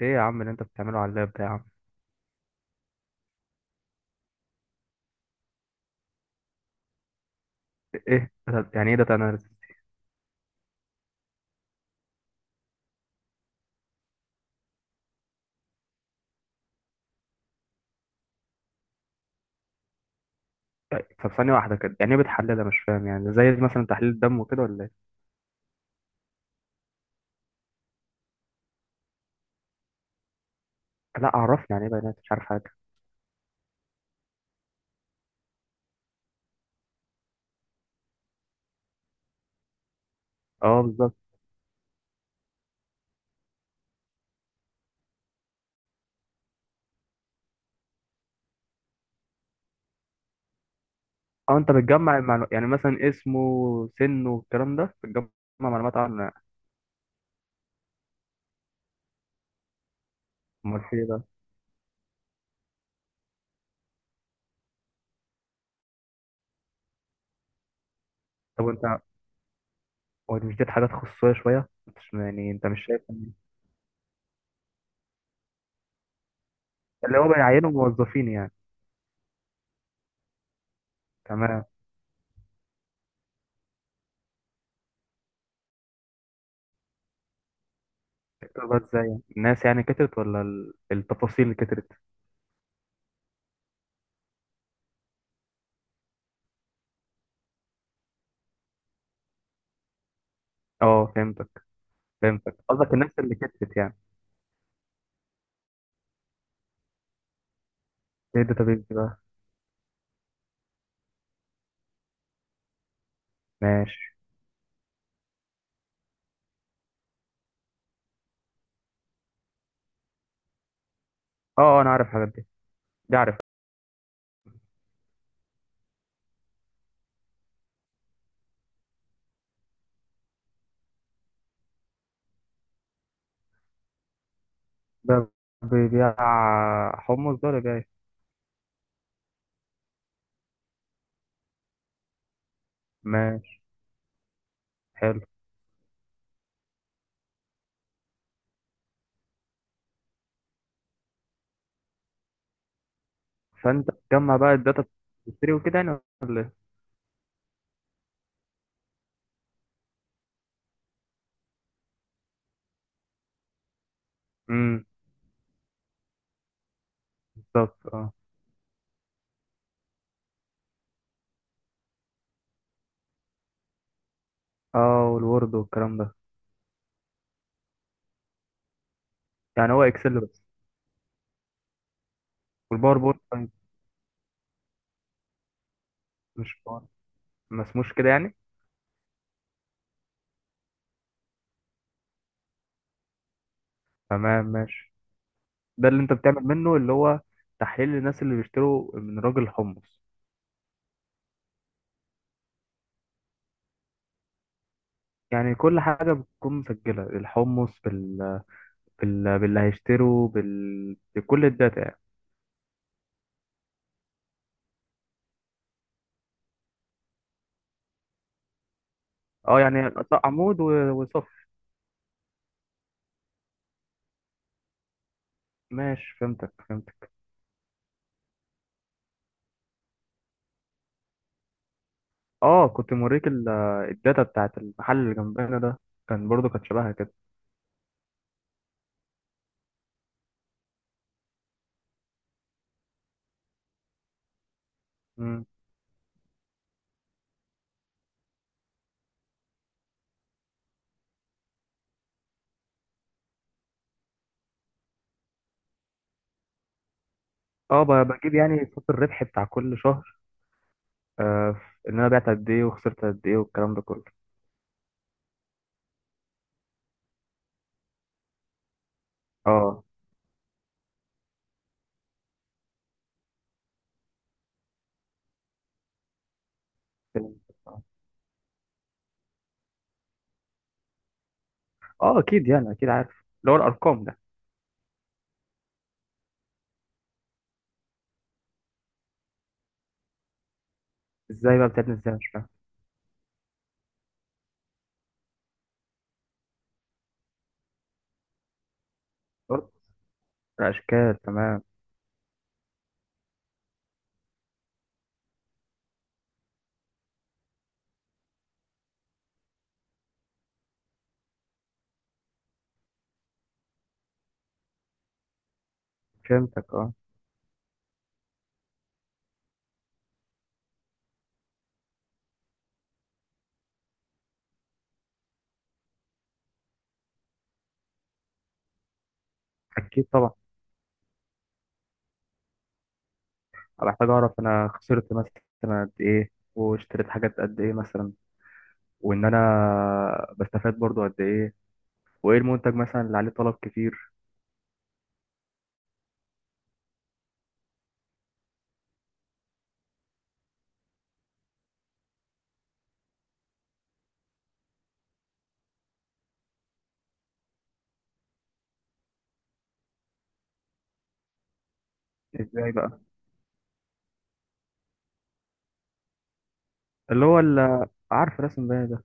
ايه يا عم اللي انت بتعمله على اللاب ده يا عم؟ ايه يعني ايه داتا اناليسيس؟ طب ثانية واحدة كده، يعني ايه بتحللها؟ مش فاهم، يعني زي مثلا تحليل الدم وكده ولا ايه؟ لا، عرفني يعني ايه بيانات، مش عارف حاجة. اه بالظبط. اه، انت بتجمع المعلومات، يعني مثلا اسمه، سنه والكلام ده، بتجمع معلومات عن. امال في إيه ده؟ طب وانت، هو دي، مش دي حاجات خصوصية شوية؟ مش يعني انت مش شايف اللي هو بيعينوا موظفين يعني؟ تمام. تكتب بقى ازاي يعني؟ الناس يعني كترت ولا التفاصيل اللي كترت؟ اه فهمتك فهمتك، قصدك الناس اللي كترت يعني؟ ايه الداتابيز دي بقى؟ ماشي. اه انا عارف الحاجات دي، دي عارف. ده بيبيع حمص ده ولا بيبيع إيه؟ ماشي. حلو. فانت تجمع بقى الداتا، بتشتري وكده يعني ولا ايه؟ امم. بالظبط اه. اه والوورد والكلام ده. يعني هو اكسل بس؟ والباور بوينت طيب؟ مش باور، ما اسموش كده يعني؟ تمام ماشي. ده اللي انت بتعمل منه، اللي هو تحليل للناس اللي بيشتروا من راجل حمص؟ يعني كل حاجة بتكون مسجلة، الحمص، باللي هيشتروا، بكل الداتا يعني؟ اه يعني عمود وصف. ماشي فهمتك فهمتك. اه كنت موريك الداتا بتاعت المحل اللي جنبنا ده، كان برضو كانت شبهها كده. مم. اه بجيب يعني صافي الربح بتاع كل شهر. آه، ان انا بعت قد ايه وخسرت قد ايه والكلام ده كله. اه فهمت. اه اكيد يعني اكيد عارف، اللي هو الارقام ده. ازاي بقى بتعمل ازاي؟ مش فاهم. برضو الاشكال تمام. فهمتك اه. اكيد طبعا. أنا محتاج أعرف، أنا خسرت مثلا قد إيه، واشتريت حاجات قد إيه مثلا، وإن أنا بستفاد برضو قد إيه، وإيه المنتج مثلا اللي عليه طلب كتير. إزاي بقى؟ اللي هو اللي، عارف رسم بقى ده.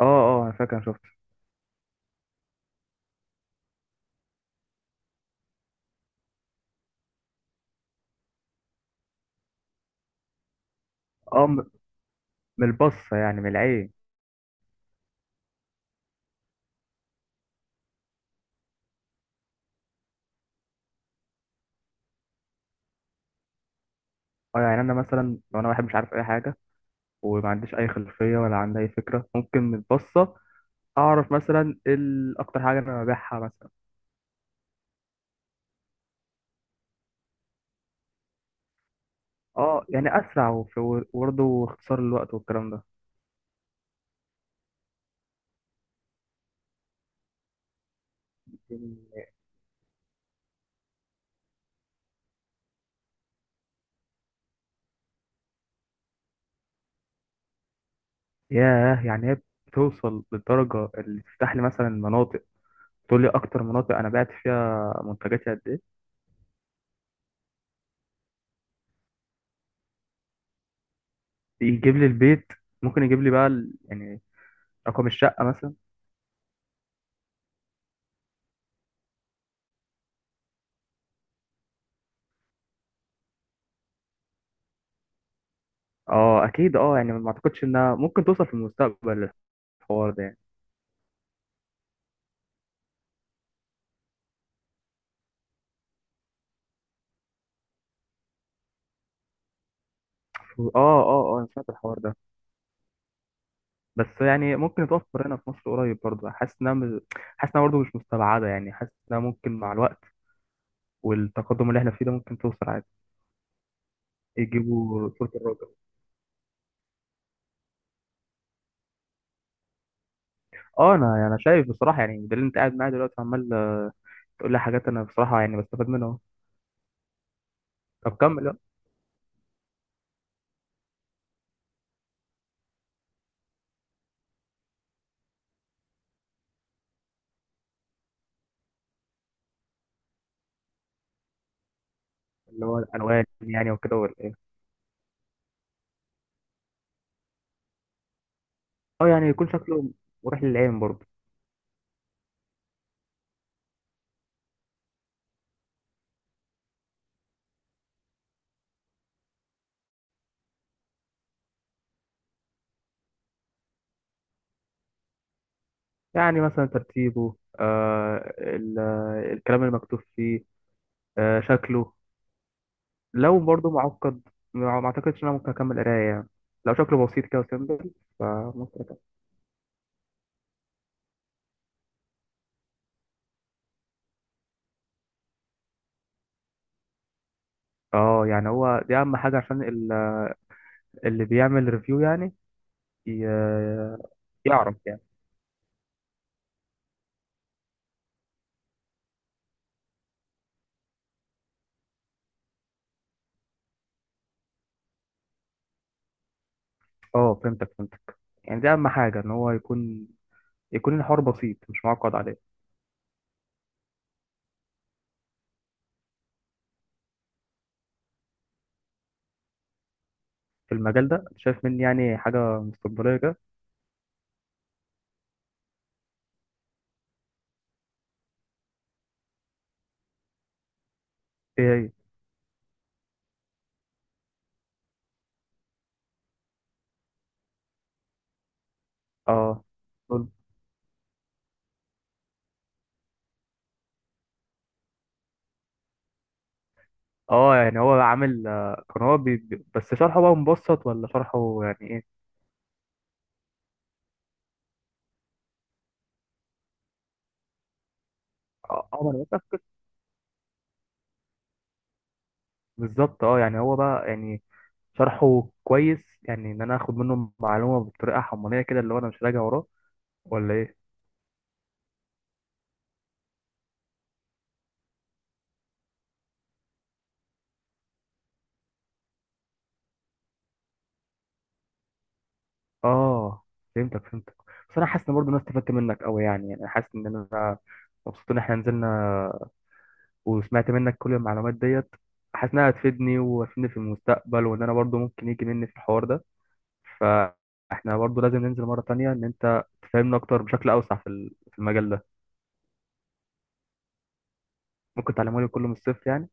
أه أه أنا فاكر، أنا شفت. أه من البصة، يعني من العين. أه، يعني أنا مثلا لو أنا واحد مش عارف أي حاجة، وما عنديش أي خلفية ولا عندي أي فكرة، ممكن من البصة أعرف مثلا أكتر حاجة أنا ببيعها مثلا. أه يعني أسرع، وبرضه اختصار الوقت والكلام ده. ياه، يعني هي بتوصل للدرجة اللي تفتح لي مثلا مناطق، تقول لي أكتر مناطق أنا بعت فيها منتجاتي قد إيه؟ يجيب لي البيت، ممكن يجيب لي بقى يعني رقم الشقة مثلا؟ أه أكيد، أه يعني ما أعتقدش إنها ممكن توصل في المستقبل الحوار ده يعني. أه أه أه أنا سمعت الحوار ده. بس يعني ممكن يتوفر هنا في مصر قريب، برضه حاسس إنها حاسس إنها برضه مش مستبعدة، يعني حاسس إنها ممكن مع الوقت والتقدم اللي إحنا فيه ده ممكن توصل عادي. يجيبوا صورة الراجل. اه انا يعني انا شايف بصراحه، يعني ده اللي انت قاعد معايا دلوقتي عمال تقول لي حاجات، انا بصراحه يعني بستفاد منها أهو. طب كمل بقى. اللي هو الالوان يعني وكده ولا ايه؟ اه يعني يكون شكله مريح للعين برضه. يعني مثلا ترتيبه، الكلام اللي مكتوب فيه، شكله. لو برضه معقد، ما اعتقدش ان انا ممكن اكمل قرايه يعني. لو شكله بسيط كده وسيمبل، فممكن أكمل. اه يعني هو دي اهم حاجه عشان اللي بيعمل ريفيو يعني ي- يعرف يعني. اه فهمتك فهمتك. يعني دي اهم حاجه ان هو يكون الحوار بسيط مش معقد عليه. في المجال ده أنت شايف مني يعني حاجه مستقبليه كده؟ ايه هي؟ اه قول. اه يعني هو عامل، كان هو بس شرحه بقى مبسط ولا شرحه يعني ايه؟ اه ما انا متأكد. بالظبط اه يعني هو بقى يعني شرحه كويس، يعني ان انا اخد منه معلومه بطريقه حمانيه كده، اللي هو انا مش راجع وراه ولا ايه؟ اه فهمتك فهمتك. بس انا حاسس ان برضه انا استفدت منك قوي، يعني حاسس ان انا مبسوط ان احنا نزلنا وسمعت منك كل المعلومات ديت، حاسس انها هتفيدني وهتفيدني في المستقبل، وان انا برضه ممكن يجي مني في الحوار ده، فاحنا برضه لازم ننزل مرة تانية ان انت تفهمنا اكتر بشكل اوسع في في المجال ده. ممكن تعلمه لي كله من الصفر يعني؟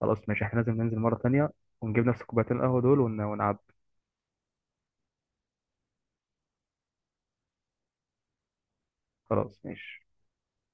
خلاص ماشي، احنا لازم ننزل مرة تانية ونجيب نفس كوبايتين القهوة دول ونعبي. خلاص ماشي.